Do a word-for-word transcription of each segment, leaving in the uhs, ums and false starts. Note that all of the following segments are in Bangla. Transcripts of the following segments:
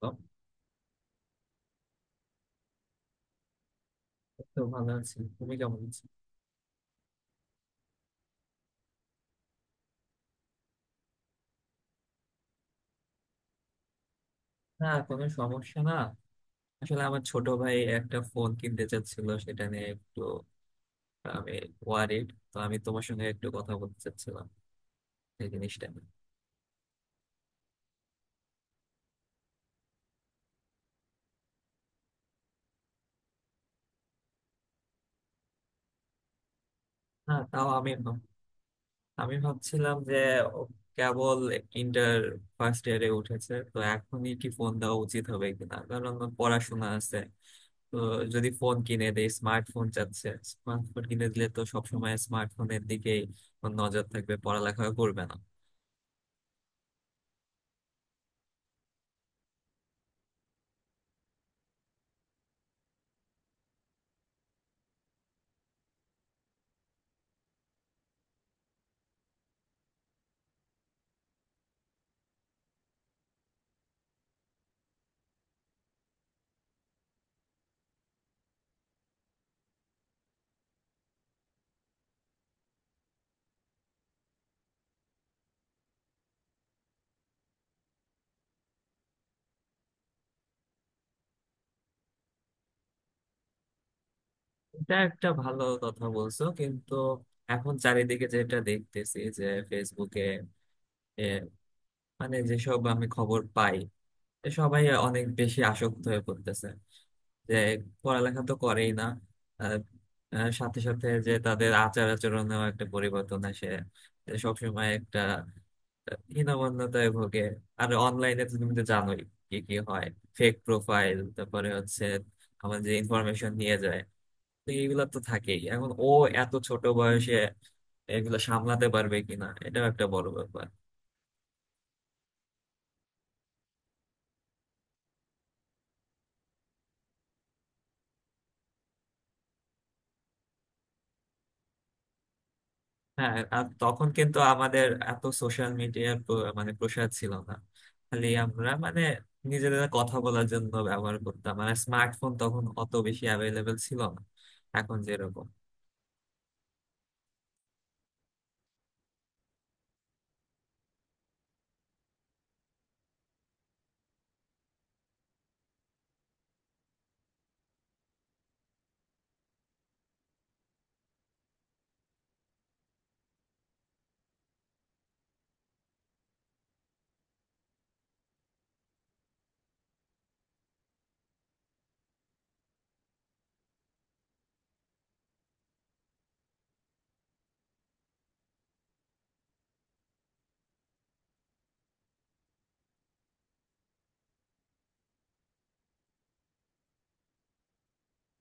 তো তো ভালো আছি, তুমি কেমন আছো? না, কোনো সমস্যা না। আসলে আমার ছোট ভাই একটা ফোন কিনতে চাচ্ছিল, সেটা নিয়ে একটু আমি ওয়ারিড, তো আমি তোমার সঙ্গে একটু কথা বলতে চাচ্ছিলাম এই জিনিসটা নিয়ে। না, তাও আমি ভাব- আমি ভাবছিলাম যে ও কেবল ইন্টার ফার্স্ট ইয়ারে উঠেছে, তো এখনই কি ফোন দেওয়া উচিত হবে কিনা, কারণ ওর পড়াশোনা আছে। তো যদি ফোন কিনে দেয়, স্মার্টফোন চাচ্ছে। স্মার্টফোন কিনে দিলে তো সবসময় স্মার্টফোনের দিকেই ওর নজর থাকবে, পড়ালেখা করবে না। এটা একটা ভালো কথা বলছো, কিন্তু এখন চারিদিকে যেটা দেখতেছি যে ফেসবুকে এ, মানে যেসব আমি খবর পাই, এ সবাই অনেক বেশি আসক্ত হয়ে পড়তেছে, যে পড়ালেখা তো করেই না। আহ, আহ, সাথে সাথে যে তাদের আচার আচরণেও একটা পরিবর্তন আসে, যে সবসময় একটা হীনমন্যতায় ভোগে। আর অনলাইনে তো তুমি তো জানোই কি কি হয়। ফেক প্রোফাইল, তারপরে হচ্ছে আমার যে ইনফরমেশন নিয়ে যায়, তো এইগুলা তো থাকেই। এখন ও এত ছোট বয়সে এগুলো সামলাতে পারবে কিনা, এটাও একটা বড় ব্যাপার। হ্যাঁ, আর তখন কিন্তু আমাদের এত সোশ্যাল মিডিয়ার মানে প্রসার ছিল না। খালি আমরা মানে নিজেদের কথা বলার জন্য ব্যবহার করতাম। মানে স্মার্টফোন তখন অত বেশি অ্যাভেলেবেল ছিল না, এখন যেরকম।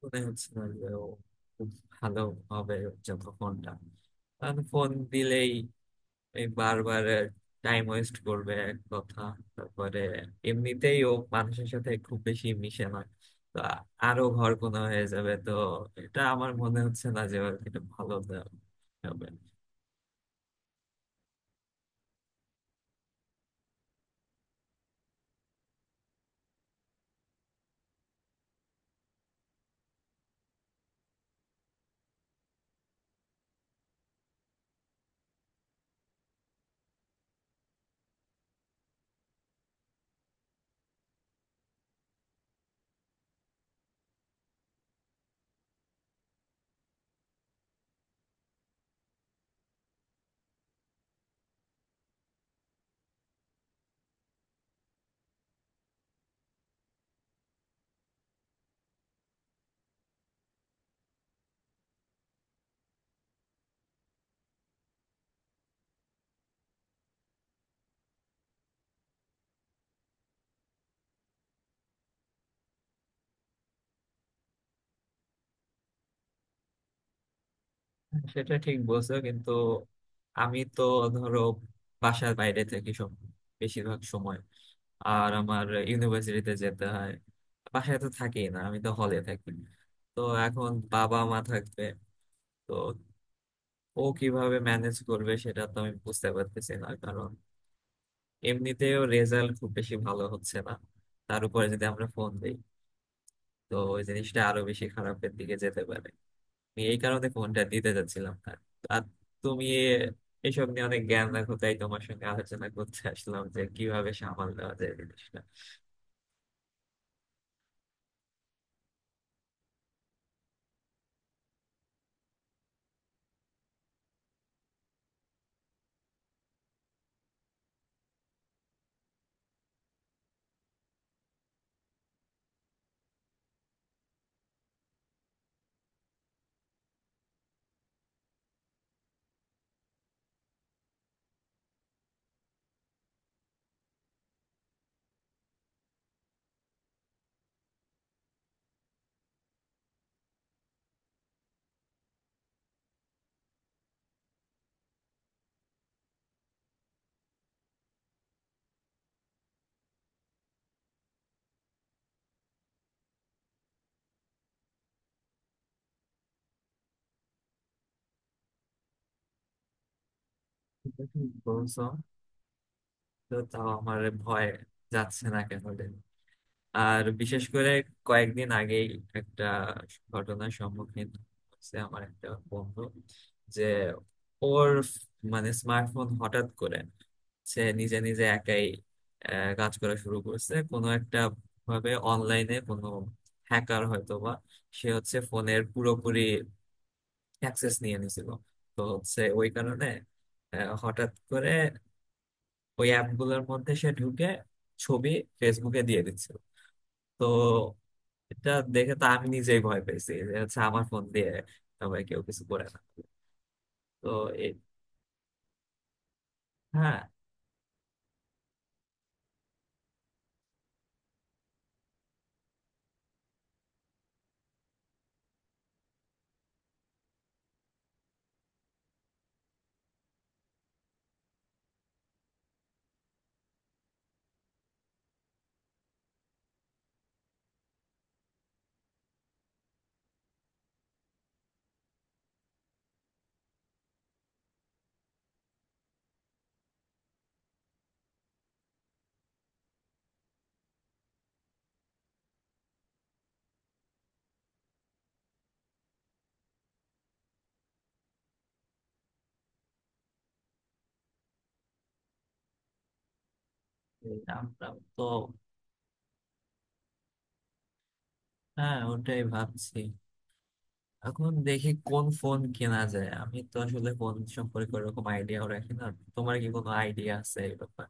মনে হচ্ছে না যে ও খুব ভালো হবে যত ফোনটা, কারণ ফোন দিলেই এই বারবার টাইম ওয়েস্ট করবে, এক কথা। তারপরে এমনিতেই ও মানুষের সাথে খুব বেশি মিশে না, তো আ- আরো ঘরকোনা হয়ে যাবে। তো এটা আমার মনে হচ্ছে না যে ওর এটা ভালো দে- হবে। সেটা ঠিক বলছো, কিন্তু আমি তো ধরো বাসার বাইরে থাকি, সব বেশিরভাগ সময় আর আমার ইউনিভার্সিটিতে যেতে হয়। বাসায় তো থাকি না, আমি তো হলে থাকি। তো এখন বাবা মা থাকবে, তো ও কিভাবে ম্যানেজ করবে সেটা তো আমি বুঝতে পারতেছি না, কারণ এমনিতেও রেজাল্ট খুব বেশি ভালো হচ্ছে না। তার উপরে যদি আমরা ফোন দিই, তো ওই জিনিসটা আরো বেশি খারাপের দিকে যেতে পারে। আমি এই কারণে ফোনটা দিতে যাচ্ছিলাম না। আর তুমি এ- এসব নিয়ে অনেক জ্ঞান রাখো, তাই তোমার সঙ্গে আলোচনা করতে আসলাম যে কিভাবে সামাল দেওয়া যায় জিনিসটা। এটা ঠিক বলছো, তো তাও আমার ভয় যাচ্ছে না কেন রে। আর বিশেষ করে কয়েকদিন আগেই একটা ঘটনার সম্মুখীন হচ্ছে, আমার একটা বন্ধু, যে ওর মানে স্মার্টফোন হঠাৎ করে সে নিজে নিজে একাই আহ, কাজ করা শুরু করছে। কোনো একটা ভাবে অনলাইনে কোনো হ্যাকার হয়তো বা, সে হচ্ছে ফোনের পুরোপুরি অ্যাক্সেস নিয়ে নিছিল। তো হচ্ছে ওই কারণে আহ, হঠাৎ করে ওই অ্যাপগুলোর মধ্যে সে ঢুকে ছবি ফেসবুকে দিয়ে দিচ্ছিল। তো এটা দেখে তো আমি নিজেই ভয় পেয়েছি, যে হচ্ছে আমার ফোন দিয়ে সবাই, কেউ কিছু করে না। তো এ-, হ্যাঁ, এই নামটা, তো হ্যাঁ, ওটাই ভাবছি। এখন দেখি কোন ফোন কেনা যায়, আমি তো আসলে ফোন সম্পর্কে ওরকম আইডিয়াও রাখি না। তোমার কি কোনো আইডিয়া আছে এই ব্যাপারে?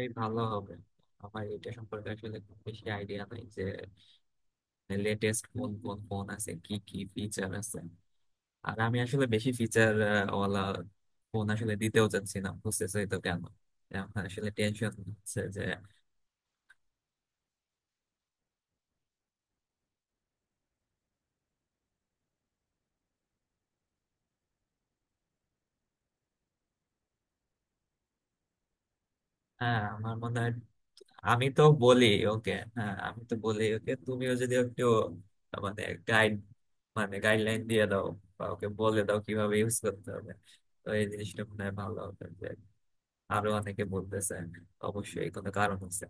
এই ভালো হবে। আমার এটা সম্পর্কে আসলে খুব বেশি আইডিয়া নাই, যে লেটেস্ট কোন কোন ফোন আছে, কি কি ফিচার আছে। আর আমি আসলে বেশি ফিচার ওয়ালা ফোন আসলে দিতেও চাচ্ছি না, বুঝতেছি তো কেন। আমার আসলে টেনশন হচ্ছে যে হ্যাঁ, আমার মনে হয়। আমি তো বলি ওকে, হ্যাঁ, আমি তো বলি ওকে, তুমিও যদি একটু মানে গাইড, মানে গাইডলাইন দিয়ে দাও, বা ওকে বলে দাও কিভাবে ইউজ করতে হবে। তো এই জিনিসটা মনে হয় ভালো হবে, যে আরো অনেকে বলতেছে অবশ্যই কোনো কারণ আছে।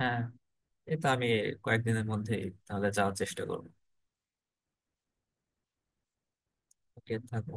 হ্যাঁ, এটা আমি কয়েকদিনের মধ্যেই তাহলে যাওয়ার চেষ্টা করবো। ওকে, থাকো।